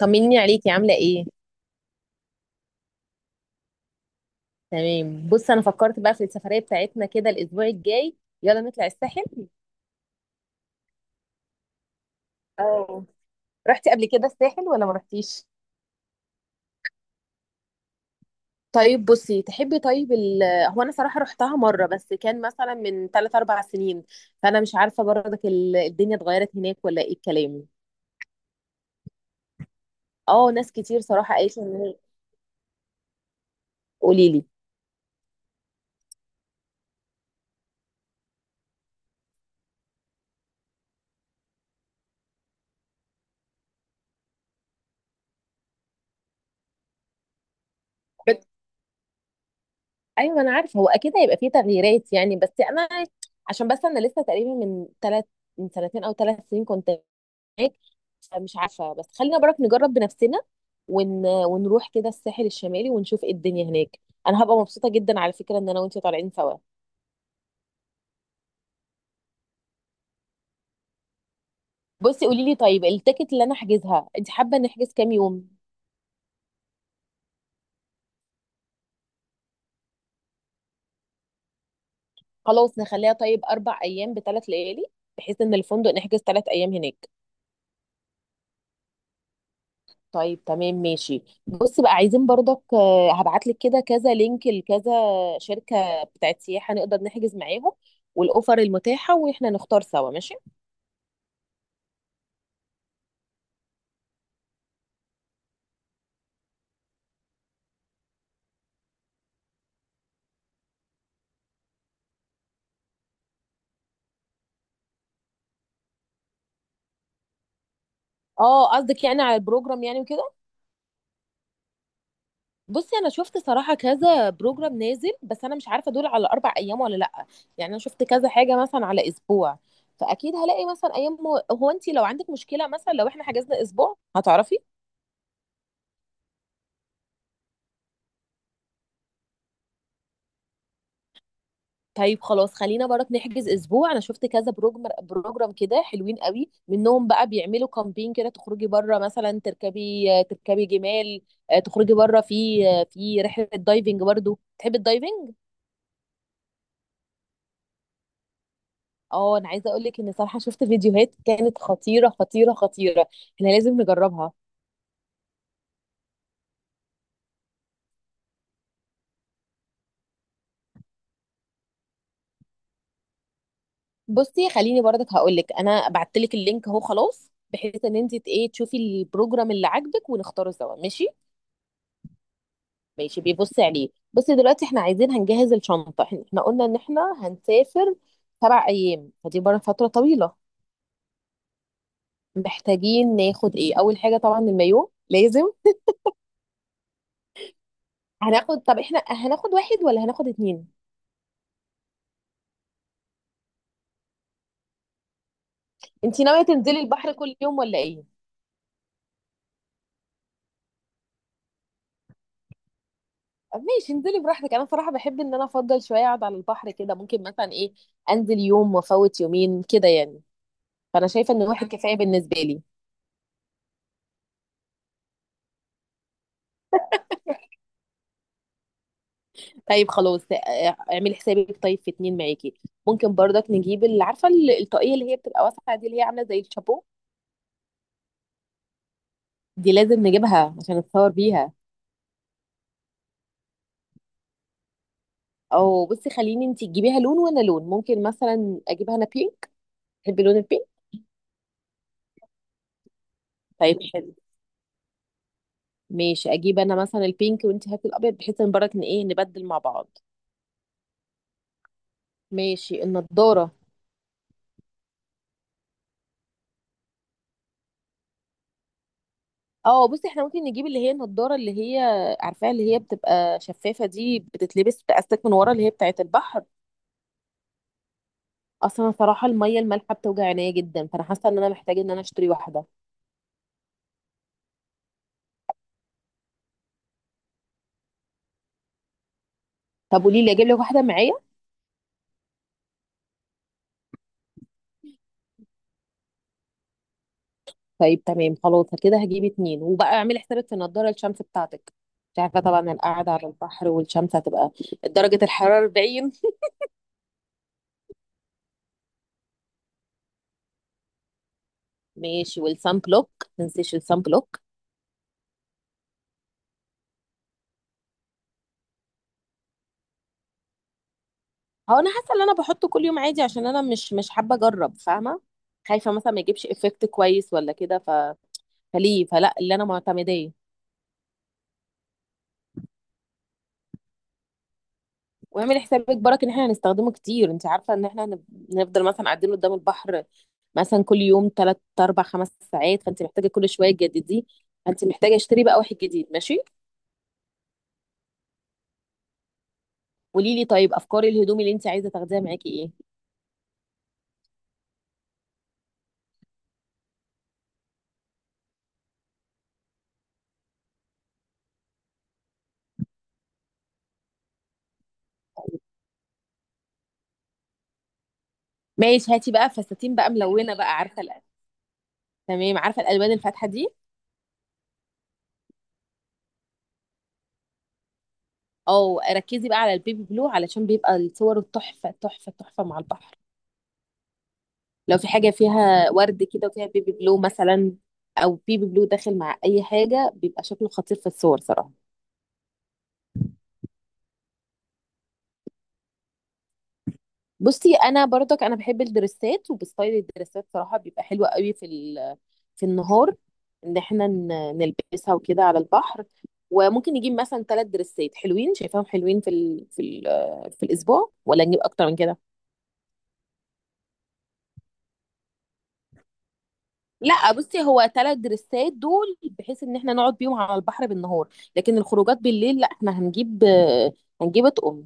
طمنيني عليكي عاملة ايه؟ تمام. بص، انا فكرت بقى في السفرية بتاعتنا كده الاسبوع الجاي. يلا نطلع الساحل. اه. رحتي قبل كده الساحل ولا ما رحتيش؟ طيب بصي، تحبي طيب هو انا صراحة رحتها مرة بس كان مثلا من 3 4 سنين، فانا مش عارفة برضك الدنيا اتغيرت هناك ولا ايه الكلام؟ اه، ناس كتير صراحة قالت لي ان هي. قولي لي. بس ايوه، انا عارفة هو اكيد هيبقى فيه تغييرات يعني، بس انا عشان بس انا لسه تقريبا من سنتين او 3 سنين كنت هناك، مش عارفة. بس خلينا برك نجرب بنفسنا ونروح كده الساحل الشمالي ونشوف ايه الدنيا هناك. انا هبقى مبسوطة جدا على فكرة ان انا وانتي طالعين سوا. بصي قولي لي، طيب التيكت اللي انا احجزها انت حابة نحجز كام يوم؟ خلاص نخليها طيب 4 ايام بثلاث ليالي، بحيث ان الفندق نحجز 3 ايام هناك. طيب تمام ماشي. بصي بقى، عايزين برضك هبعت لك كده كذا لينك لكذا شركة بتاعت سياحة نقدر نحجز معاهم، والاوفر المتاحة واحنا نختار سوا، ماشي. اه، قصدك يعني على البروجرام يعني وكده. بصي انا شفت صراحه كذا بروجرام نازل، بس انا مش عارفه دول على اربع ايام ولا لا. يعني انا شفت كذا حاجه مثلا على اسبوع، فاكيد هلاقي مثلا ايام هو انت لو عندك مشكله مثلا لو احنا حجزنا اسبوع هتعرفي. طيب خلاص، خلينا برك نحجز اسبوع. انا شفت كذا بروجرام كده حلوين قوي منهم بقى، بيعملوا كامبين كده تخرجي بره مثلا، تركبي جمال، تخرجي بره في في رحله دايفنج. برضو تحبي الدايفنج؟ اه، انا عايزه اقول لك ان صراحه شفت فيديوهات كانت خطيره خطيره خطيره، احنا لازم نجربها. بصي خليني برضك هقول لك، انا بعت لك اللينك اهو، خلاص بحيث ان انت ت- ايه تشوفي البروجرام اللي عاجبك ونختاره سوا، ماشي؟ ماشي بيبصي عليه. بصي دلوقتي احنا عايزين هنجهز الشنطه. احنا قلنا ان احنا هنسافر 7 ايام، فدي بره فتره طويله. محتاجين ناخد ايه اول حاجه؟ طبعا المايو لازم. طب احنا هناخد واحد ولا هناخد اتنين؟ انت ناويه تنزلي البحر كل يوم ولا ايه؟ ماشي انزلي براحتك. انا صراحه بحب ان انا افضل شويه اقعد على البحر، كده ممكن مثلا ايه، انزل يوم وافوت يومين كده يعني. فانا شايفه ان واحد كفايه بالنسبه لي. طيب خلاص. اه، اعملي حسابك طيب في اتنين معاكي. ممكن برضك نجيب اللي، عارفه الطاقيه اللي هي بتبقى واسعه دي اللي هي عامله زي الشابو. دي لازم نجيبها عشان نتصور بيها. او بصي خليني انت تجيبيها لون وانا لون، ممكن مثلا اجيبها انا بينك. تحبي لون البينك؟ طيب حلو، ماشي. اجيب انا مثلا البينك وانت هاتي الابيض، بحيث ان برضك ان ايه، نبدل مع بعض. ماشي. النضاره. اه، بصي احنا ممكن نجيب اللي هي النضاره اللي هي، عارفاها اللي هي بتبقى شفافه دي، بتتلبس بتأستك من ورا، اللي هي بتاعت البحر. اصلا صراحه الميه المالحه بتوجع عينيا جدا، فانا حاسه ان انا محتاجه ان انا اشتري واحده. طب قولي لي، اجيب لك واحده معايا؟ طيب تمام، خلاص كده هجيب اتنين. وبقى اعملي حسابك في النضاره الشمس بتاعتك. مش عارفه طبعا القعده على البحر والشمس هتبقى درجه الحراره 40. ماشي. والسان بلوك، ما تنسيش السان بلوك. هو انا حاسه ان انا بحطه كل يوم عادي، عشان انا مش حابه اجرب فاهمه، خايفه مثلا ما يجيبش افكت كويس ولا كده، فليه فلا اللي انا معتمداه. واعمل حسابك برك ان احنا هنستخدمه كتير. انت عارفه ان احنا نفضل مثلا قاعدين قدام البحر مثلا كل يوم 3 4 5 ساعات، فانت محتاجه كل شويه تجدديه، فانت محتاجه اشتري بقى واحد جديد، ماشي؟ قولي لي طيب، افكار الهدوم اللي انت عايزه تاخديها معاكي ايه؟ ماشي، هاتي بقى فساتين بقى ملونه بقى، عارفه تمام، عارفه الالوان الفاتحه دي. او ركزي بقى على البيبي بلو علشان بيبقى الصور التحفه تحفه تحفه مع البحر. لو في حاجه فيها ورد كده وفيها بيبي بلو مثلا، او بيبي بلو داخل مع اي حاجه، بيبقى شكله خطير في الصور صراحه. بصي انا برضك انا بحب الدرسات، وبستايل الدرسات صراحه بيبقى حلو قوي في النهار، ان احنا نلبسها وكده على البحر. وممكن نجيب مثلا ثلاث درسات حلوين، شايفاهم حلوين في الاسبوع ولا نجيب اكتر من كده؟ لا بصي، هو ثلاث دريسات دول بحيث ان احنا نقعد بيهم على البحر بالنهار، لكن الخروجات بالليل لا، احنا هنجيب اطقم.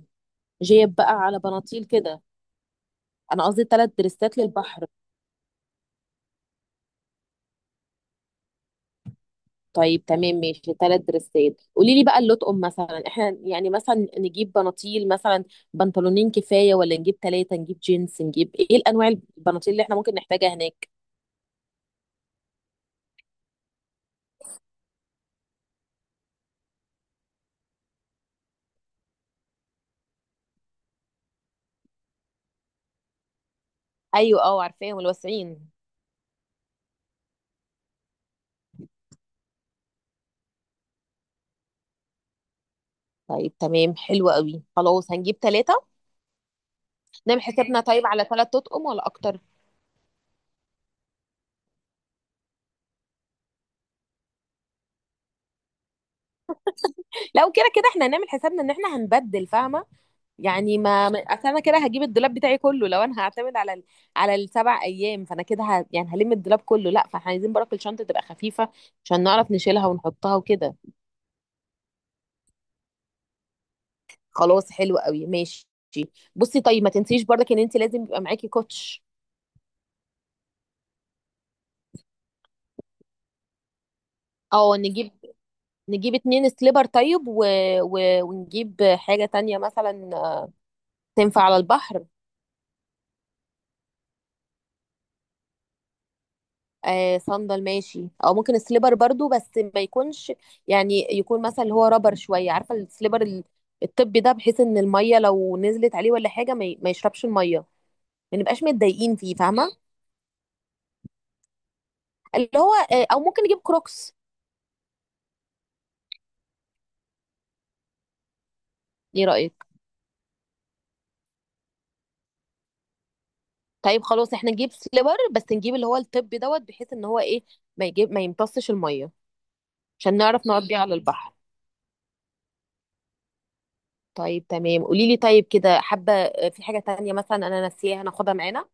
جيب بقى على بناطيل كده. انا قصدي ثلاث دريسات للبحر. طيب تمام ماشي، ثلاث دريسات. قولي لي بقى الاطقم مثلا، احنا يعني مثلا نجيب بناطيل مثلا، بنطلونين كفايه ولا نجيب ثلاثه؟ نجيب جينز، نجيب ايه الانواع البناطيل اللي احنا ممكن نحتاجها هناك؟ ايوه، اه عارفاهم الواسعين. طيب تمام، حلو قوي، خلاص هنجيب ثلاثه. نعمل حسابنا طيب على ثلاث اطقم ولا اكتر؟ لو كده كده احنا هنعمل حسابنا ان احنا هنبدل فاهمه، يعني اصل انا كده هجيب الدولاب بتاعي كله. لو انا هعتمد على على السبع ايام فانا كده يعني هلم الدولاب كله، لا، فاحنا عايزين برك الشنطه تبقى خفيفه عشان نعرف نشيلها ونحطها وكده. خلاص حلو قوي، ماشي. بصي طيب، ما تنسيش برضك ان انت لازم يبقى معاكي كوتش. او نجيب اتنين سليبر طيب ونجيب حاجه تانية مثلا، تنفع على البحر. آه، صندل ماشي. او ممكن السليبر برضو، بس ما يكونش، يعني يكون مثلا اللي هو رابر شويه، عارفه السليبر الطبي ده، بحيث ان الميه لو نزلت عليه ولا حاجه، ما يشربش الميه، ما نبقاش متضايقين فيه فاهمه. اللي هو او ممكن نجيب كروكس. ايه رايك؟ طيب خلاص، احنا نجيب سليبر بس نجيب اللي هو الطبي دوت، بحيث ان هو ايه، ما يمتصش الميه عشان نعرف نقعد بيه على البحر. طيب تمام. قولي لي طيب، كده حابه في حاجه تانية مثلا انا ناسيها ناخدها معانا؟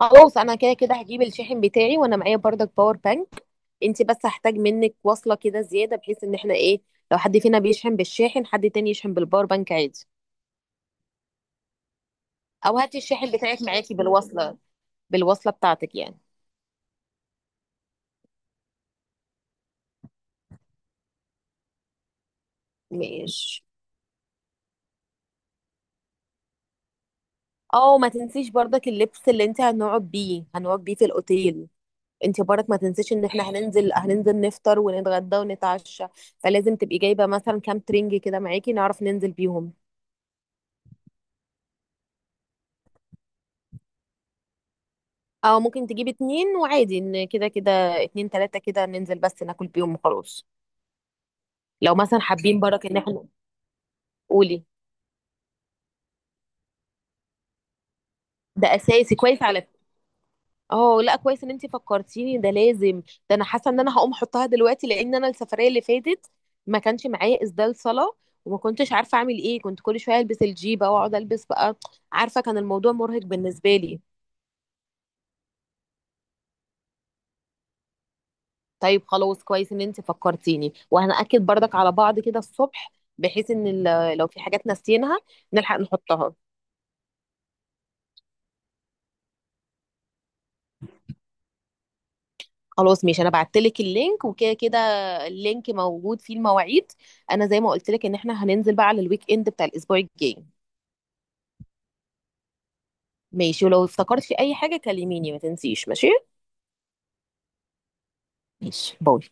خلاص، انا كده كده هجيب الشاحن بتاعي وانا معايا بردك باور بانك. انت بس هحتاج منك وصلة كده زيادة، بحيث ان احنا ايه، لو حد فينا بيشحن بالشاحن حد تاني يشحن بالباور بانك عادي. او هاتي الشاحن بتاعك معاكي بالوصلة بتاعتك يعني. ماشي. اه ما تنسيش بردك اللبس اللي انت هنقعد بيه في الاوتيل. انت بردك ما تنسيش ان احنا هننزل نفطر ونتغدى ونتعشى، فلازم تبقي جايبة مثلا كام ترنج كده معاكي نعرف ننزل بيهم. او ممكن تجيب اتنين وعادي، ان كده كده اتنين تلاتة كده ننزل بس ناكل بيهم وخلاص. لو مثلا حابين برك ان احنا، قولي. ده اساسي كويس على فكرة. اه لا، كويس ان انتي فكرتيني، ده لازم. ده انا حاسه ان انا هقوم احطها دلوقتي، لان انا السفريه اللي فاتت ما كانش معايا اسدال صلاه، وما كنتش عارفه اعمل ايه، كنت كل شويه البس الجيبه واقعد البس بقى. عارفه كان الموضوع مرهق بالنسبه لي. طيب خلاص، كويس ان انت فكرتيني. وهنأكد برضك على بعض كده الصبح، بحيث ان لو في حاجات ناسيينها نلحق نحطها. خلاص ماشي، انا بعتلك اللينك وكده كده. اللينك موجود فيه المواعيد. انا زي ما قلت لك ان احنا هننزل بقى على الويك اند بتاع الاسبوع الجاي. ماشي، ولو افتكرت في اي حاجة كلميني، ما تنسيش، ماشي. ماشي، باي.